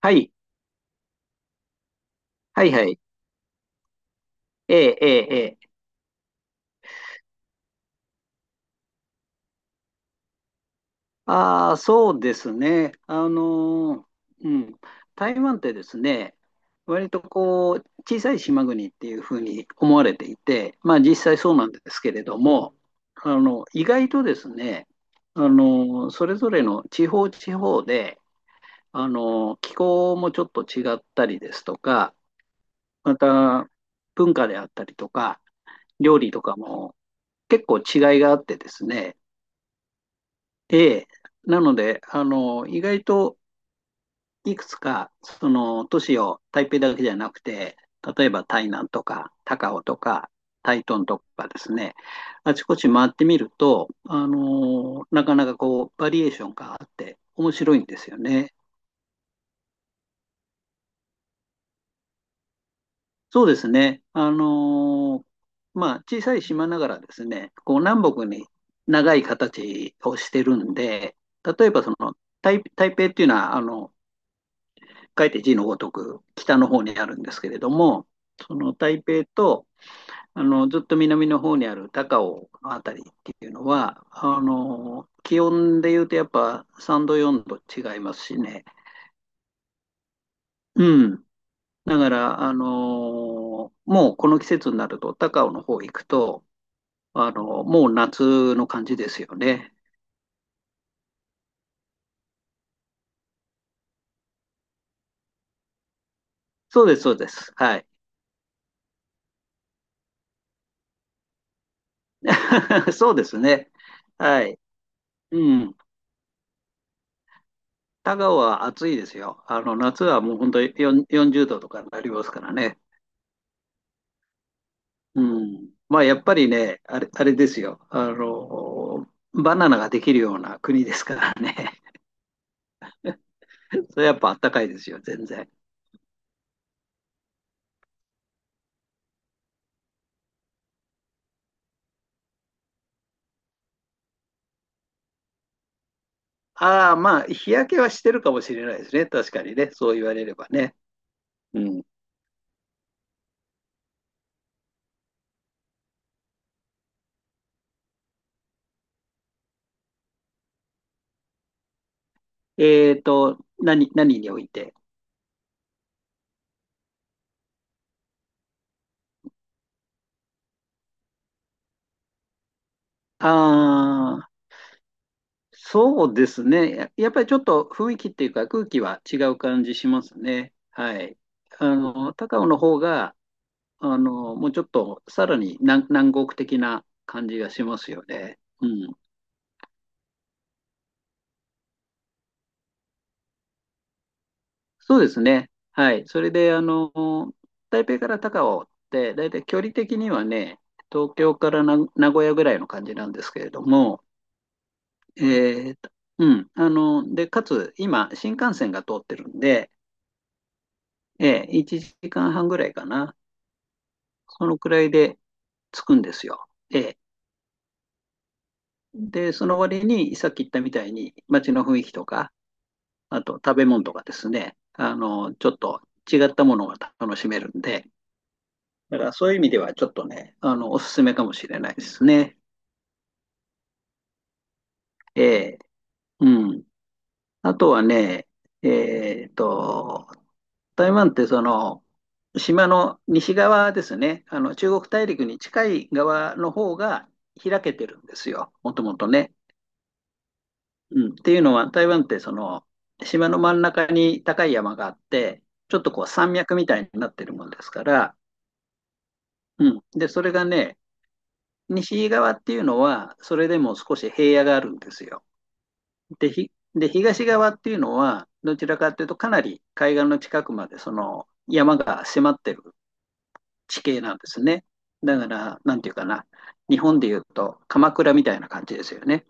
はい、はい、はい。ええ、ええ、ええ。ああ、そうですね。ーうん。台湾ってですね、割とこう、小さい島国っていうふうに思われていて、まあ実際そうなんですけれども、意外とですね、それぞれの地方地方で、気候もちょっと違ったりですとか、また文化であったりとか、料理とかも結構違いがあってですね。ええ。なので、意外といくつか、その都市を台北だけじゃなくて、例えば台南とか高雄とか台東とかですね、あちこち回ってみると、なかなかこう、バリエーションがあって面白いんですよね。そうですね。まあ、小さい島ながらですね、こう、南北に長い形をしてるんで、例えばその、台北っていうのは、書いて字のごとく北の方にあるんですけれども、その台北とあのずっと南の方にある高尾のあたりっていうのは、あの気温でいうとやっぱ3度、4度違いますしね。うん、だから、あのもうこの季節になると、高尾の方行くと、あのもう夏の感じですよね。そうです、そうです。はい。そうですね。はい。うん。田川は暑いですよ。夏はもう本当に4 40度とかになりますからね。うん。まあ、やっぱりね、あれですよ。バナナができるような国ですからね。それやっぱ暖かいですよ、全然。ああ、まあ、日焼けはしてるかもしれないですね。確かにね。そう言われればね。うん。えっと、何において。ああ、そうですね。やっぱりちょっと雰囲気っていうか空気は違う感じしますね。はい。あの、高尾の方が、もうちょっとさらに南国的な感じがしますよね。うん。そうですね。はい。それで、台北から高尾って、だいたい距離的にはね、東京からな名古屋ぐらいの感じなんですけれども、えーと、うん。で、かつ、今、新幹線が通ってるんで、1時間半ぐらいかな。そのくらいでつくんですよ。ええ。で、その割に、さっき言ったみたいに、街の雰囲気とか、あと食べ物とかですね、ちょっと違ったものが楽しめるんで、だからそういう意味ではちょっとね、おすすめかもしれないですね。ええ、うん。あとはね、えっと、台湾ってその、島の西側ですね、中国大陸に近い側の方が開けてるんですよ、もともとね。うん、っていうのは、台湾ってその、島の真ん中に高い山があって、ちょっとこう山脈みたいになってるもんですから。うん。で、それがね、西側っていうのは、それでも少し平野があるんですよ。で、東側っていうのは、どちらかというと、かなり海岸の近くまで、その山が迫ってる地形なんですね。だから、なんていうかな、日本でいうと、鎌倉みたいな感じですよね。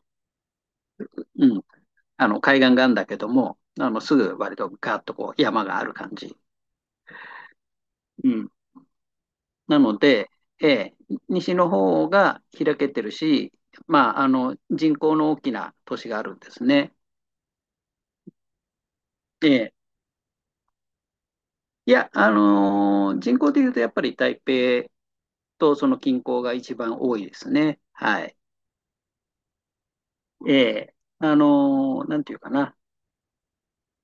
うん。あの、海岸があるんだけども、すぐ割とガーッとこう山がある感じ。うん。なので、えー西の方が開けてるし、まあ、人口の大きな都市があるんですね。ええ。いや、人口でいうとやっぱり台北とその近郊が一番多いですね。はい。ええ。なんていうかな。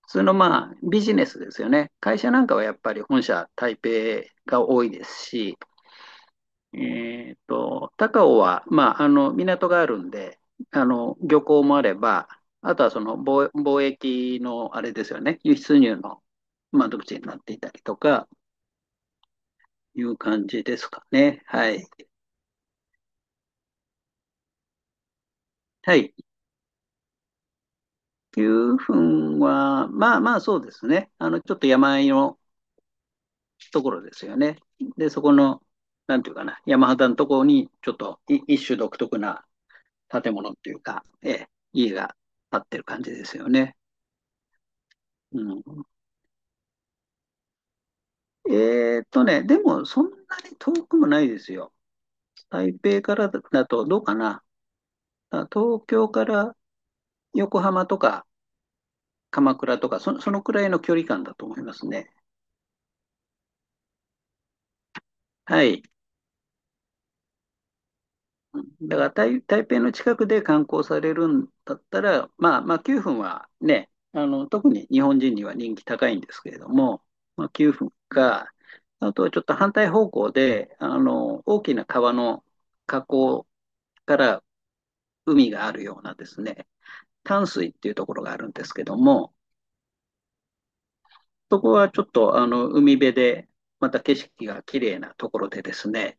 普通のまあビジネスですよね。会社なんかはやっぱり本社台北が多いですし、えーっと、高尾は、まあ、港があるんで、漁港もあれば、あとはその貿易の、あれですよね、輸出入の窓口になっていたりとか、いう感じですかね。はい。はい。9分は、まあまあそうですね。ちょっと山あいのところですよね。で、そこの、なんていうかな、山肌のところに、ちょっと一種独特な建物っていうか、ええ、家が建ってる感じですよね。うん。ね、でもそんなに遠くもないですよ。台北からだとどうかな。あ東京から横浜とか鎌倉とか、そのくらいの距離感だと思いますね。はい。だから台北の近くで観光されるんだったら、まあ9分はね、特に日本人には人気高いんですけれども、まあ、9分か、あとはちょっと反対方向で、大きな川の河口から海があるようなですね、淡水っていうところがあるんですけども、そこはちょっとあの海辺で、また景色が綺麗なところでですね、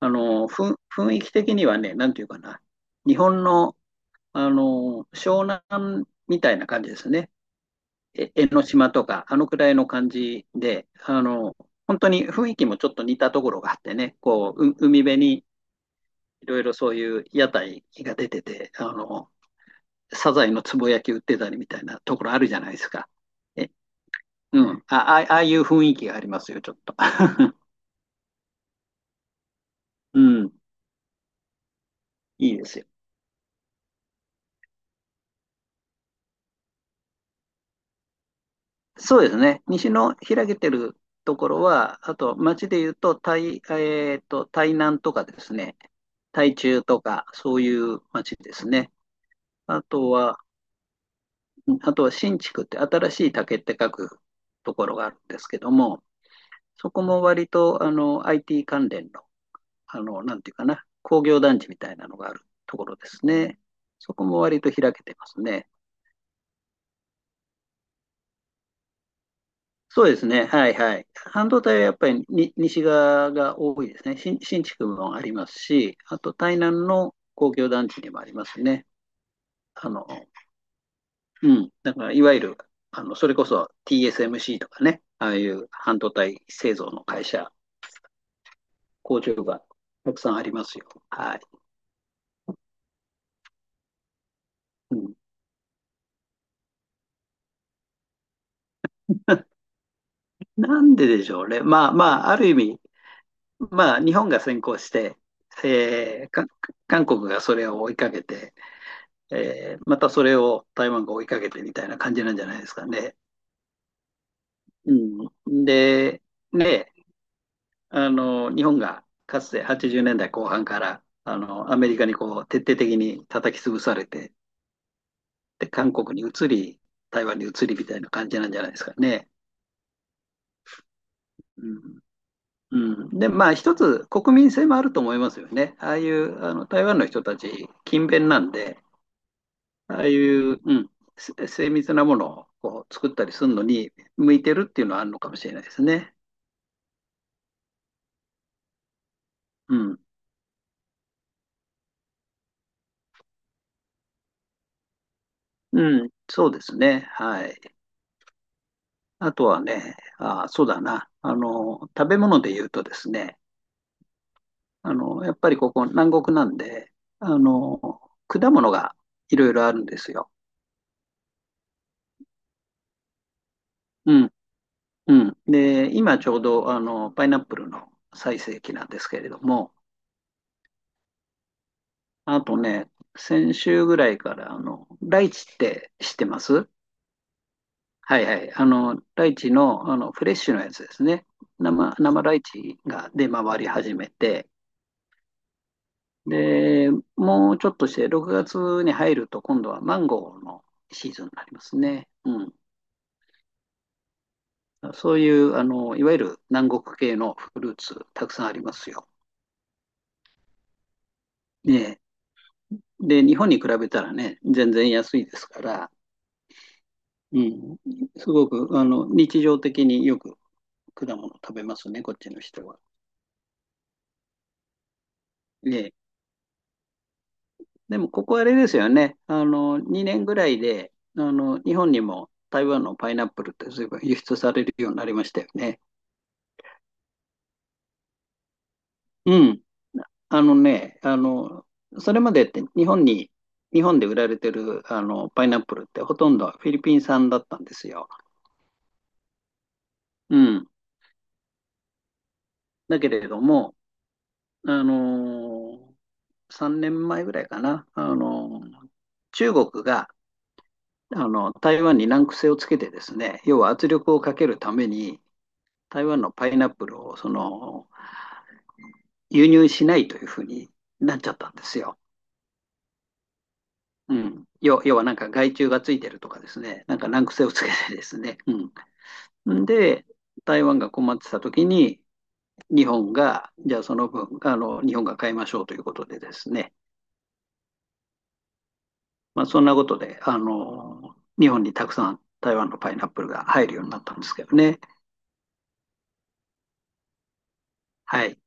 あの雰囲気的にはね、なんていうかな、日本の、あの湘南みたいな感じですね、え江ノ島とか、あのくらいの感じで、本当に雰囲気もちょっと似たところがあってね、こう海辺にいろいろそういう屋台が出てて、サザエのつぼ焼き売ってたりみたいなところあるじゃないですか。えうん。あ、あああいう雰囲気がありますよ、ちょっと。うん。いいですよ。そうですね。西の開けてるところは、あと町で言うと、えーと、台南とかですね、台中とか、そういう町ですね。あとは、うんあとは新築って新しい竹って書くところがあるんですけども、そこも割とあの IT 関連の、なんていうかな、工業団地みたいなのがあるところですね。そこも割と開けてますね。そうですね。はいはい。半導体はやっぱりに西側が多いですね。新築もありますし、あと台南の工業団地にもありますね。あの、うん。だからいわゆる、それこそ TSMC とかね、ああいう半導体製造の会社、工場がたくさんありますよ。はい。うん、なんででしょうね。まあまあ、ある意味、まあ日本が先行して、えーか韓国がそれを追いかけて、えーまたそれを台湾が追いかけてみたいな感じなんじゃないですかね。うん、で、ね、日本がかつて80年代後半から、アメリカにこう、徹底的に叩き潰されて、で、韓国に移り、台湾に移りみたいな感じなんじゃないですかね。うんうん、で、まあ、一つ国民性もあると思いますよね。ああいうあの台湾の人たち、勤勉なんで、ああいう、うん、精密なものをこう作ったりするのに向いてるっていうのはあるのかもしれないですね。うん。うん、そうですね。はい。あとはね、あ、そうだな。食べ物で言うとですね、やっぱりここ南国なんで、あの、果物がいろいろあるんですよ。うん、うん。で、今ちょうど、パイナップルの最盛期なんですけれども、あとね、先週ぐらいから、ライチって知ってます？はいはい。ライチの、フレッシュのやつですね。生ライチが出回り始めて、で、もうちょっとして6月に入ると今度はマンゴーのシーズンになりますね。うん。そういう、いわゆる南国系のフルーツたくさんありますよ。ねえ。で、日本に比べたらね、全然安いですから。うん。すごく、日常的によく果物食べますね、こっちの人は。ね。でも、ここあれですよね。2年ぐらいで、日本にも台湾のパイナップルって随分輸出されるようになりましたよね。うん。あのね、それまでって日本に、日本で売られてるあのパイナップルってほとんどフィリピン産だったんですよ。うん。だけれども、あの3年前ぐらいかな、あの中国があの台湾に難癖をつけてですね、要は圧力をかけるために、台湾のパイナップルを輸入しないというふうになっちゃったんですよ。うん、要はなんか害虫がついてるとかですね、なんか難癖をつけてですね。うん、で、台湾が困ってた時に、日本が、じゃあその分、あの日本が買いましょうということでですね、まあ、そんなことであの、日本にたくさん台湾のパイナップルが入るようになったんですけどね。はい。